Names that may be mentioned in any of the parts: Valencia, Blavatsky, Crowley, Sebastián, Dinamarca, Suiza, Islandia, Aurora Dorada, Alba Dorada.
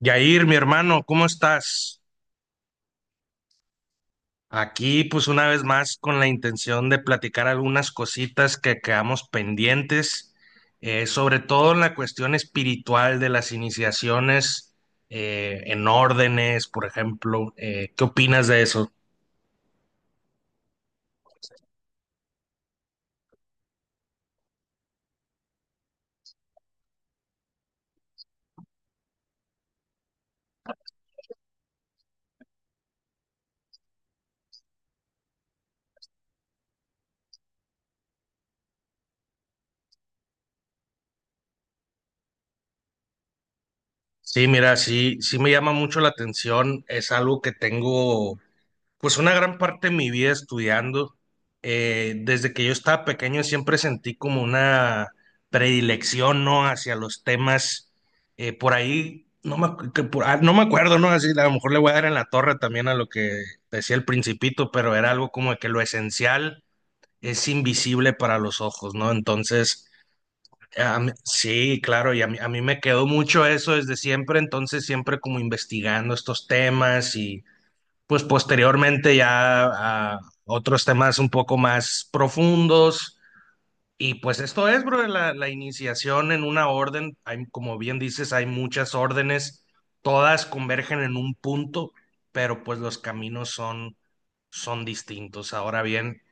Yair, mi hermano, ¿cómo estás? Aquí, pues una vez más, con la intención de platicar algunas cositas que quedamos pendientes, sobre todo en la cuestión espiritual de las iniciaciones en órdenes, por ejemplo. ¿qué opinas de eso? Sí, mira, sí, sí me llama mucho la atención. Es algo que tengo. Pues una gran parte de mi vida estudiando, desde que yo estaba pequeño siempre sentí como una predilección, ¿no? Hacia los temas, por ahí, no me, no me acuerdo, ¿no? Así, a lo mejor le voy a dar en la torre también a lo que decía el principito, pero era algo como de que lo esencial es invisible para los ojos, ¿no? Entonces, sí, claro, y a mí me quedó mucho eso desde siempre, entonces siempre como investigando estos temas, pues posteriormente ya a otros temas un poco más profundos. Y pues esto es, bro, la iniciación en una orden. Hay, como bien dices, hay muchas órdenes, todas convergen en un punto, pero pues los caminos son son distintos. Ahora bien,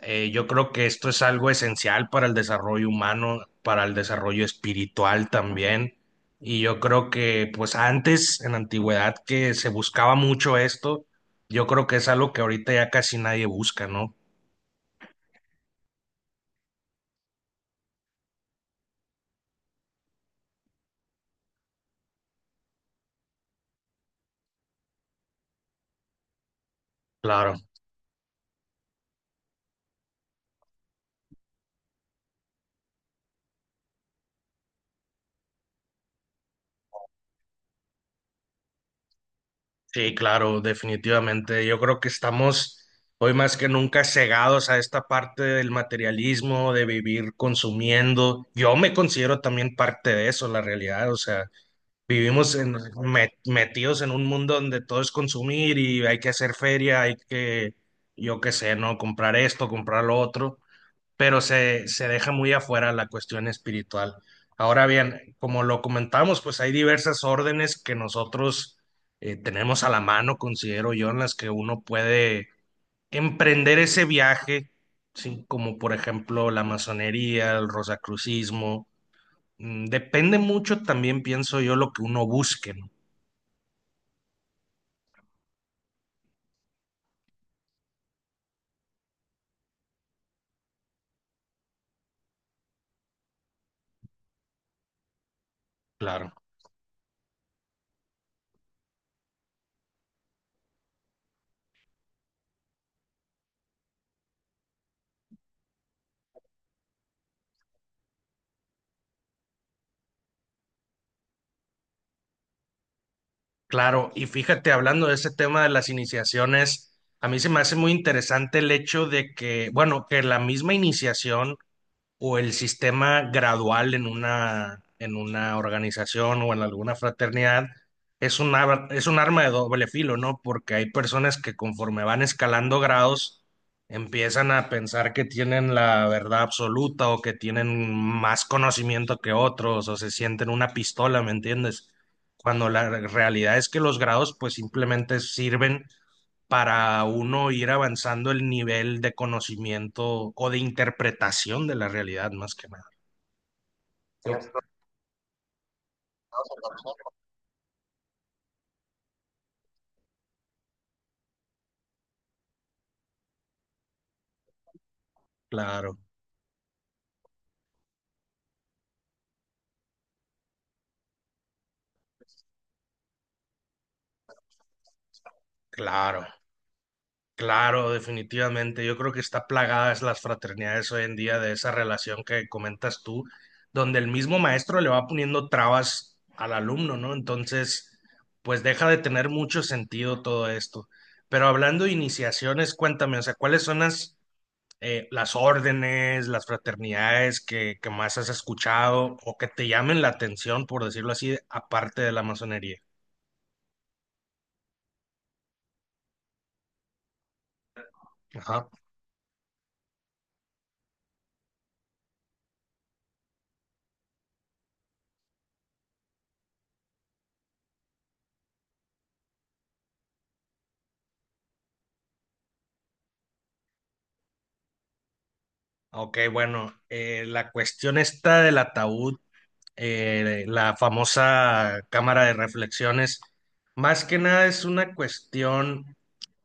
yo creo que esto es algo esencial para el desarrollo humano, para el desarrollo espiritual también. Y yo creo que, pues antes, en la antigüedad, que se buscaba mucho esto, yo creo que es algo que ahorita ya casi nadie busca, ¿no? Claro, sí, claro, definitivamente. Yo creo que estamos hoy más que nunca cegados a esta parte del materialismo, de vivir consumiendo. Yo me considero también parte de eso, la realidad, o sea. Vivimos en, metidos en un mundo donde todo es consumir y hay que hacer feria, hay que, yo qué sé, ¿no? Comprar esto, comprar lo otro, pero se deja muy afuera la cuestión espiritual. Ahora bien, como lo comentamos, pues hay diversas órdenes que nosotros tenemos a la mano, considero yo, en las que uno puede emprender ese viaje, ¿sí? Como por ejemplo la masonería, el rosacrucismo. Mm, depende mucho también, pienso yo, lo que uno busque, ¿no? Claro, claro. Y fíjate, hablando de ese tema de las iniciaciones, a mí se me hace muy interesante el hecho de que, bueno, que la misma iniciación o el sistema gradual en una organización o en alguna fraternidad es un, es un arma de doble filo, ¿no? Porque hay personas que conforme van escalando grados, empiezan a pensar que tienen la verdad absoluta o que tienen más conocimiento que otros o se sienten una pistola, ¿me entiendes? Cuando la realidad es que los grados pues simplemente sirven para uno ir avanzando el nivel de conocimiento o de interpretación de la realidad, más que nada. Claro, claro, claro, definitivamente. Yo creo que está plagadas las fraternidades hoy en día de esa relación que comentas tú, donde el mismo maestro le va poniendo trabas al alumno, ¿no? Entonces, pues deja de tener mucho sentido todo esto. Pero hablando de iniciaciones, cuéntame, o sea, ¿cuáles son las órdenes, las fraternidades que más has escuchado o que te llamen la atención, por decirlo así, aparte de la masonería? Ajá. Ok, bueno, la cuestión esta del ataúd, la famosa cámara de reflexiones, más que nada es una cuestión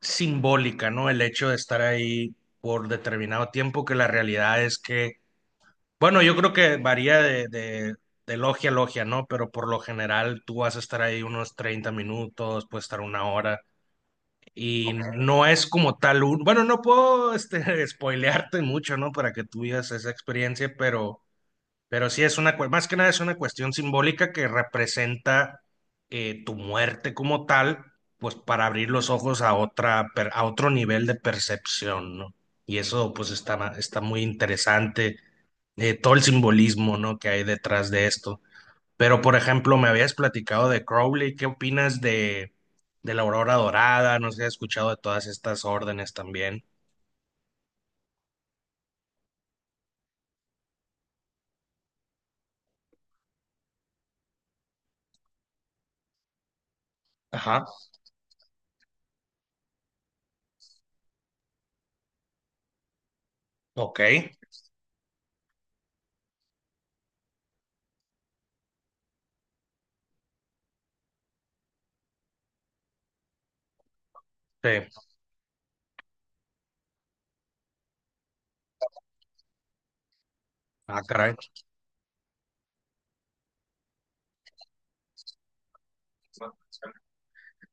simbólica, ¿no? El hecho de estar ahí por determinado tiempo, que la realidad es que, bueno, yo creo que varía de logia a logia, ¿no? Pero por lo general tú vas a estar ahí unos 30 minutos, puedes estar una hora. Y ok, no es como tal un... Bueno, no puedo este, spoilearte mucho, ¿no? Para que tú vivas esa experiencia, pero sí es una, más que nada es una cuestión simbólica que representa tu muerte como tal, pues para abrir los ojos a otra, a otro nivel de percepción, ¿no? Y eso pues está, está muy interesante, todo el simbolismo, ¿no? que hay detrás de esto. Pero, por ejemplo, me habías platicado de Crowley, ¿qué opinas de la Aurora Dorada? No sé si has escuchado de todas estas órdenes también. Ajá, ok. Sí. Ah, caray.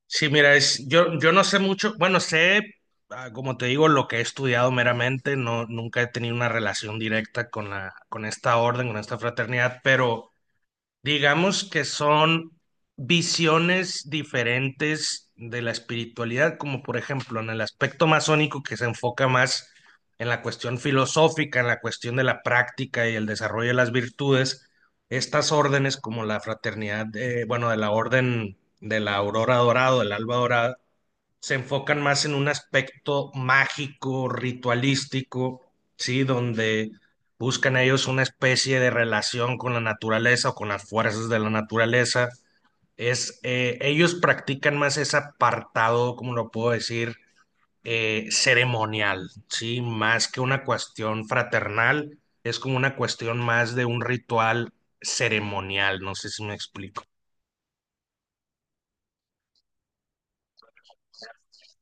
Sí, mira, es, yo no sé mucho, bueno, sé, ah, como te digo, lo que he estudiado meramente, no, nunca he tenido una relación directa con la, con esta orden, con esta fraternidad, pero digamos que son visiones diferentes de la espiritualidad, como por ejemplo en el aspecto masónico que se enfoca más en la cuestión filosófica, en la cuestión de la práctica y el desarrollo de las virtudes, estas órdenes como la fraternidad, bueno, de la orden de la aurora dorada, del alba dorada, se enfocan más en un aspecto mágico, ritualístico, ¿sí? Donde buscan ellos una especie de relación con la naturaleza o con las fuerzas de la naturaleza. Es, ellos practican más ese apartado, como lo puedo decir, ceremonial, ¿sí? Más que una cuestión fraternal, es como una cuestión más de un ritual ceremonial, no sé si me explico.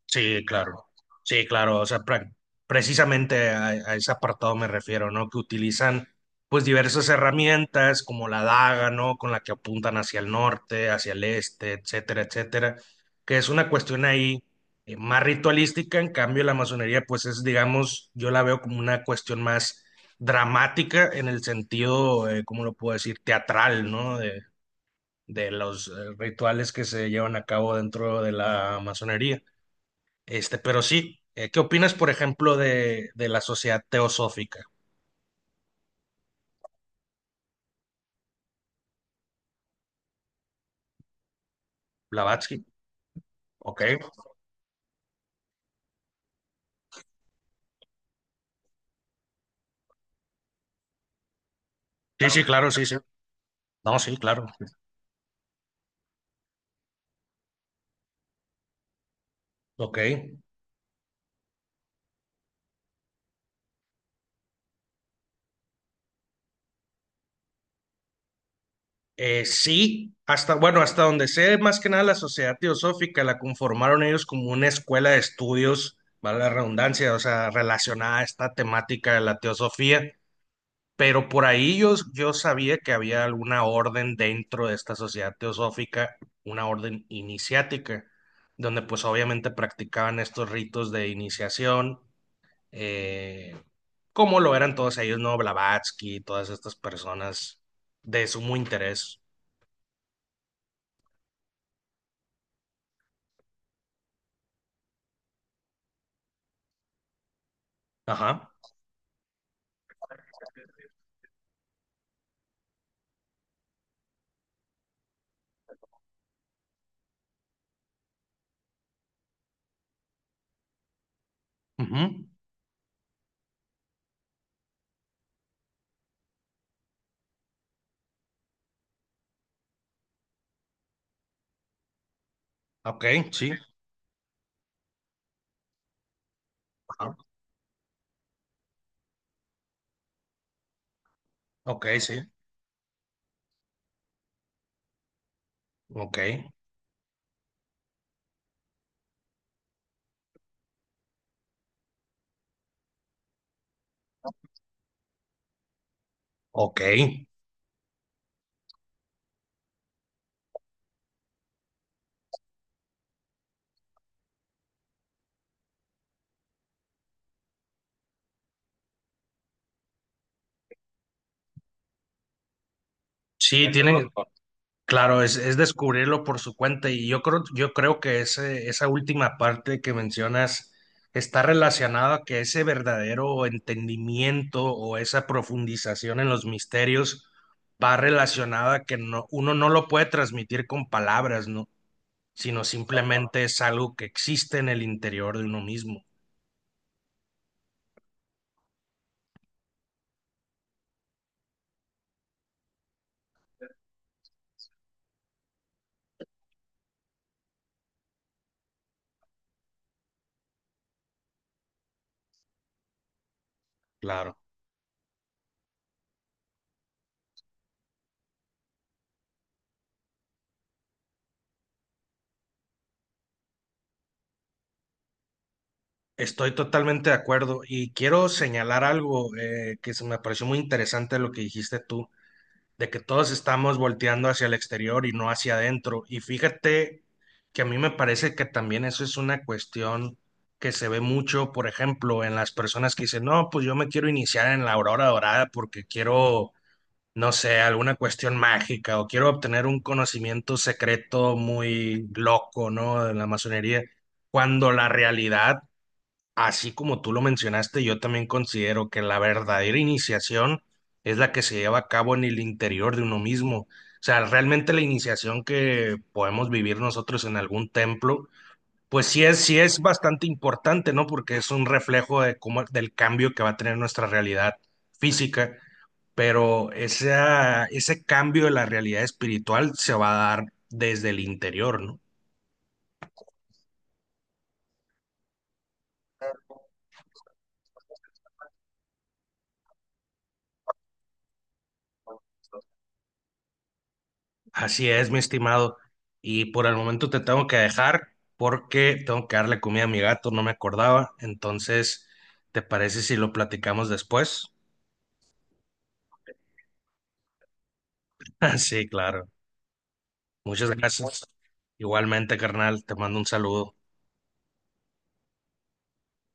Sí, claro. Sí, claro. O sea, precisamente a ese apartado me refiero, ¿no? Que utilizan pues diversas herramientas como la daga, ¿no? Con la que apuntan hacia el norte, hacia el este, etcétera, etcétera. Que es una cuestión ahí más ritualística. En cambio, la masonería pues es, digamos, yo la veo como una cuestión más dramática en el sentido, ¿cómo lo puedo decir? Teatral, ¿no? De los rituales que se llevan a cabo dentro de la masonería. Este, pero sí, ¿qué opinas, por ejemplo, de la sociedad teosófica? Blavatsky, ok. Sí, sí, claro, sí, sí. No, sí, claro. Ok. Sí, hasta, bueno, hasta donde sé, más que nada la sociedad teosófica la conformaron ellos como una escuela de estudios, vale la redundancia, o sea, relacionada a esta temática de la teosofía. Pero por ahí yo, yo sabía que había alguna orden dentro de esta sociedad teosófica, una orden iniciática, donde pues obviamente practicaban estos ritos de iniciación, eh, como lo eran todos ellos, ¿no? Blavatsky, todas estas personas de sumo interés. Ajá. Ujú, ok, sí. Ajá, ok, sí. Ok, ok. Sí, tienen, claro, es descubrirlo por su cuenta y yo creo que ese, esa última parte que mencionas está relacionada a que ese verdadero entendimiento o esa profundización en los misterios va relacionada a que no, uno no lo puede transmitir con palabras, ¿no? Sino simplemente es algo que existe en el interior de uno mismo. Claro. Estoy totalmente de acuerdo y quiero señalar algo, que se me pareció muy interesante lo que dijiste tú de que todos estamos volteando hacia el exterior y no hacia adentro. Y fíjate que a mí me parece que también eso es una cuestión que se ve mucho, por ejemplo, en las personas que dicen, no, pues yo me quiero iniciar en la aurora dorada porque quiero, no sé, alguna cuestión mágica o quiero obtener un conocimiento secreto muy loco, ¿no? De la masonería, cuando la realidad, así como tú lo mencionaste, yo también considero que la verdadera iniciación es la que se lleva a cabo en el interior de uno mismo. O sea, realmente la iniciación que podemos vivir nosotros en algún templo, pues sí es bastante importante, ¿no? Porque es un reflejo de cómo, del cambio que va a tener nuestra realidad física, pero esa, ese cambio de la realidad espiritual se va a dar desde el interior, ¿no? Así es, mi estimado. Y por el momento te tengo que dejar porque tengo que darle comida a mi gato, no me acordaba. Entonces, ¿te parece si lo platicamos después? Sí, claro. Muchas gracias. Igualmente, carnal, te mando un saludo.